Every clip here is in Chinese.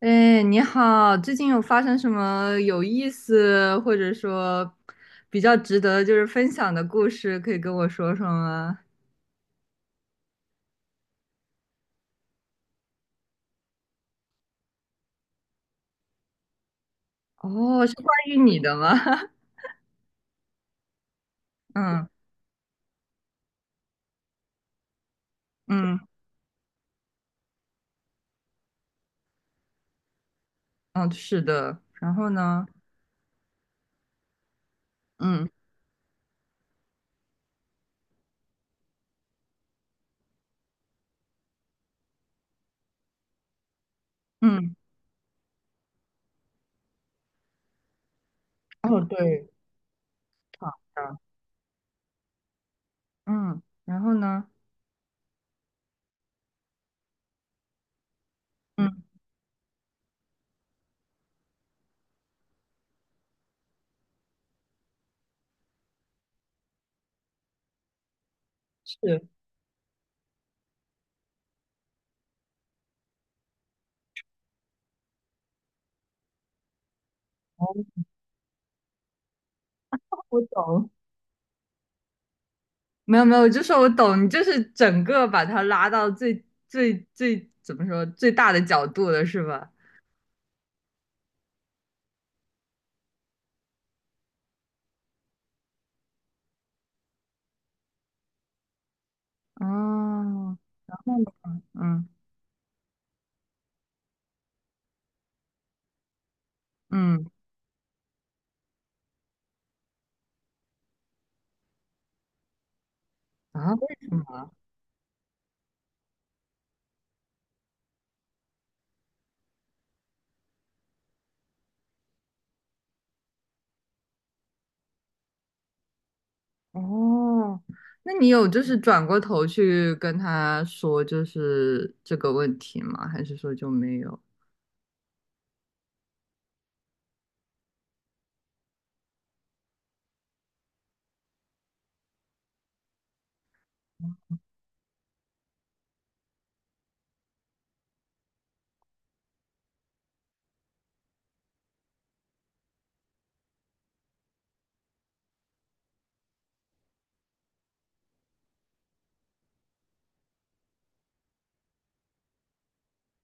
哎，你好，最近有发生什么有意思，或者说比较值得分享的故事，可以跟我说说吗？哦，是关于你的吗？嗯嗯嗯，是的。然后呢？嗯嗯，哦对，好的。嗯，然后呢？嗯，是，哦，我懂。没有没有，我就说我懂，你就是整个把它拉到最怎么说最大的角度了，是吧？哦，然后呢？嗯嗯，啊，为什么？哦，那你有转过头去跟他说这个问题吗？还是说就没有？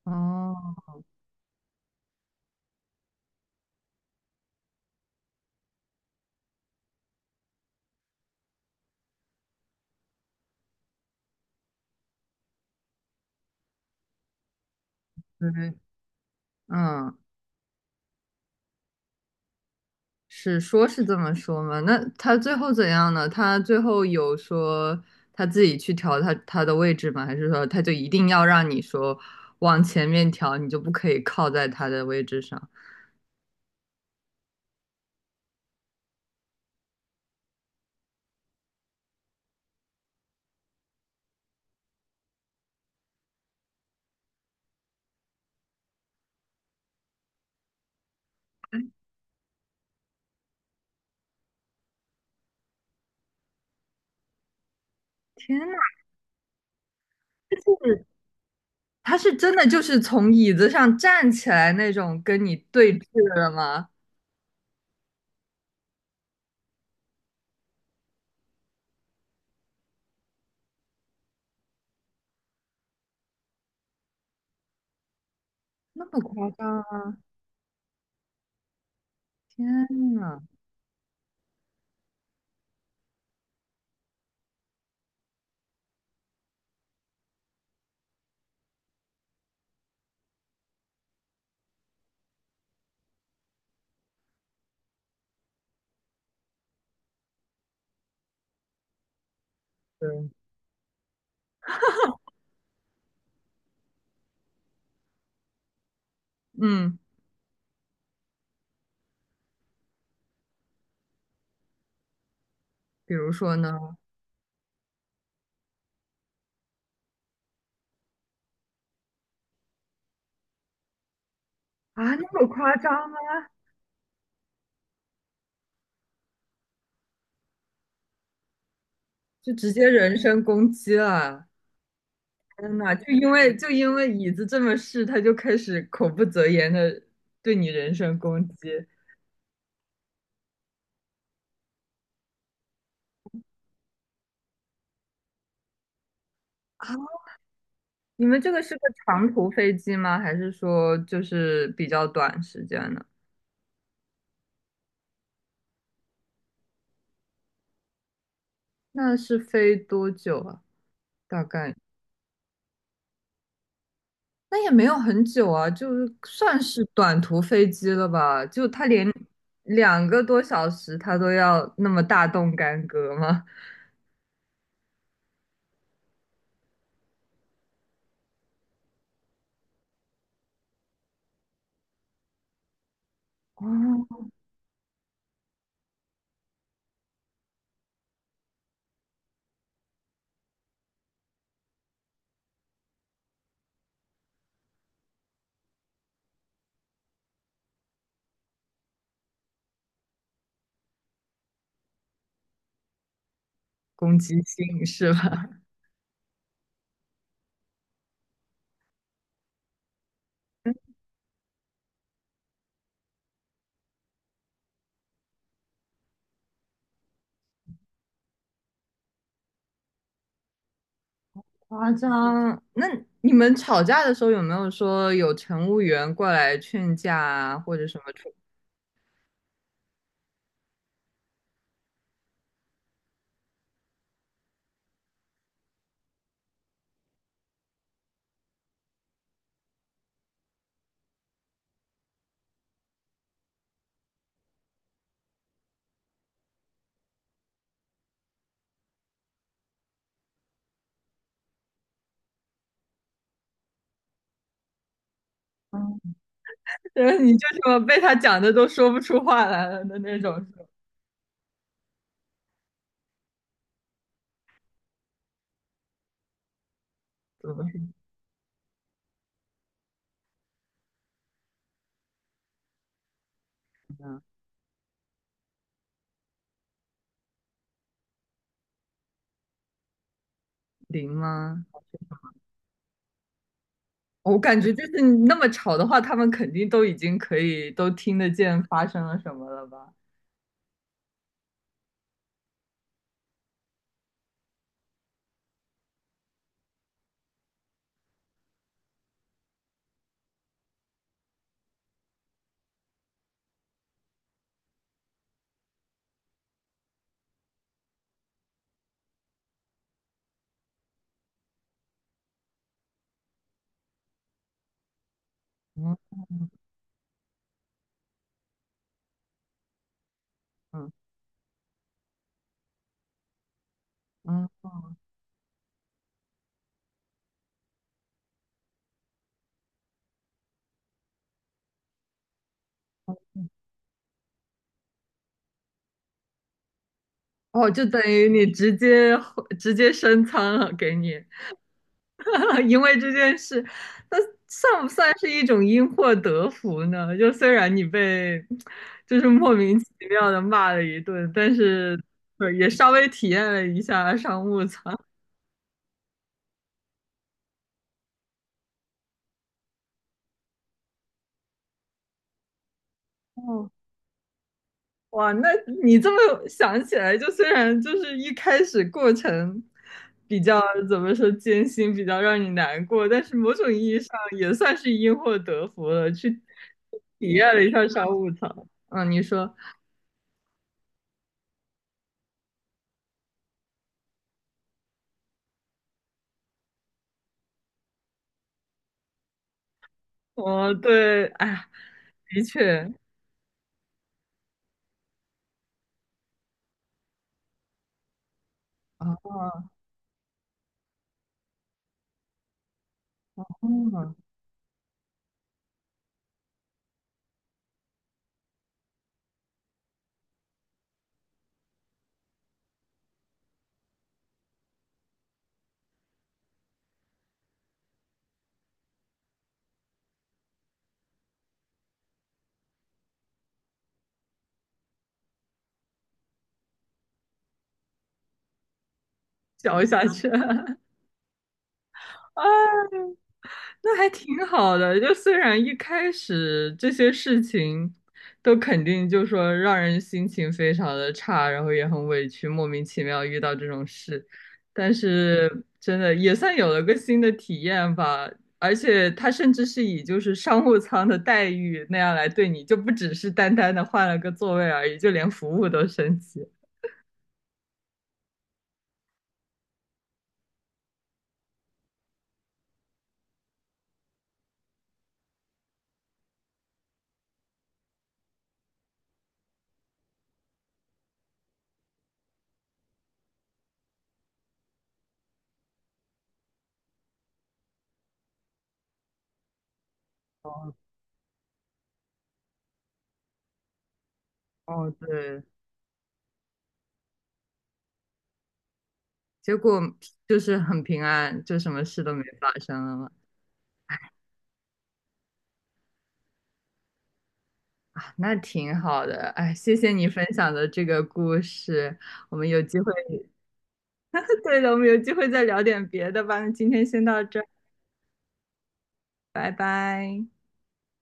哦，对对，嗯，是说是这么说吗？那他最后怎样呢？他最后有说他自己去调他的位置吗？还是说他就一定要让你说往前面调，你就不可以靠在他的位置上？天呐，他是真的就是从椅子上站起来那种跟你对峙的吗？那么夸张啊！天呐，对，嗯，比如说呢？啊，那么夸张吗？就直接人身攻击了！天呐，就因为椅子这么试，他就开始口不择言的对你人身攻击啊！你们这个是个长途飞机吗？还是说就是比较短时间的？那是飞多久啊？大概那也没有很久啊，就是算是短途飞机了吧？就他连两个多小时，他都要那么大动干戈吗？哦，攻击性是吧？夸张。那你们吵架的时候有没有说有乘务员过来劝架啊，或者什么处？嗯，然后你就什么被他讲的都说不出话来了的那种，怎么是你呢零吗？我感觉就是你那么吵的话，他们肯定都已经可以都听得见发生了什么了吧？嗯嗯嗯，哦，就等于你直接直接升舱了给你，因为这件事，那算不算是一种因祸得福呢？就虽然你被莫名其妙的骂了一顿，但是对也稍微体验了一下商务舱。哦哇，那你这么想起来，虽然一开始过程比较怎么说艰辛，比较让你难过，但是某种意义上也算是因祸得福了，去体验了一下商务舱。嗯，你说，哦，对，哎呀，的确，啊，嗯，嚼一下去。啊，那还挺好的。就虽然一开始这些事情都肯定就说让人心情非常的差，然后也很委屈，莫名其妙遇到这种事，但是真的也算有了个新的体验吧。而且他甚至是以商务舱的待遇那样来对你，就不只是单单的换了个座位而已，就连服务都升级。哦哦，对，结果就是很平安，就什么事都没发生了嘛。啊，那挺好的，哎，谢谢你分享的这个故事，我们有机会，对的，我们有机会再聊点别的吧。那今天先到这儿，拜拜。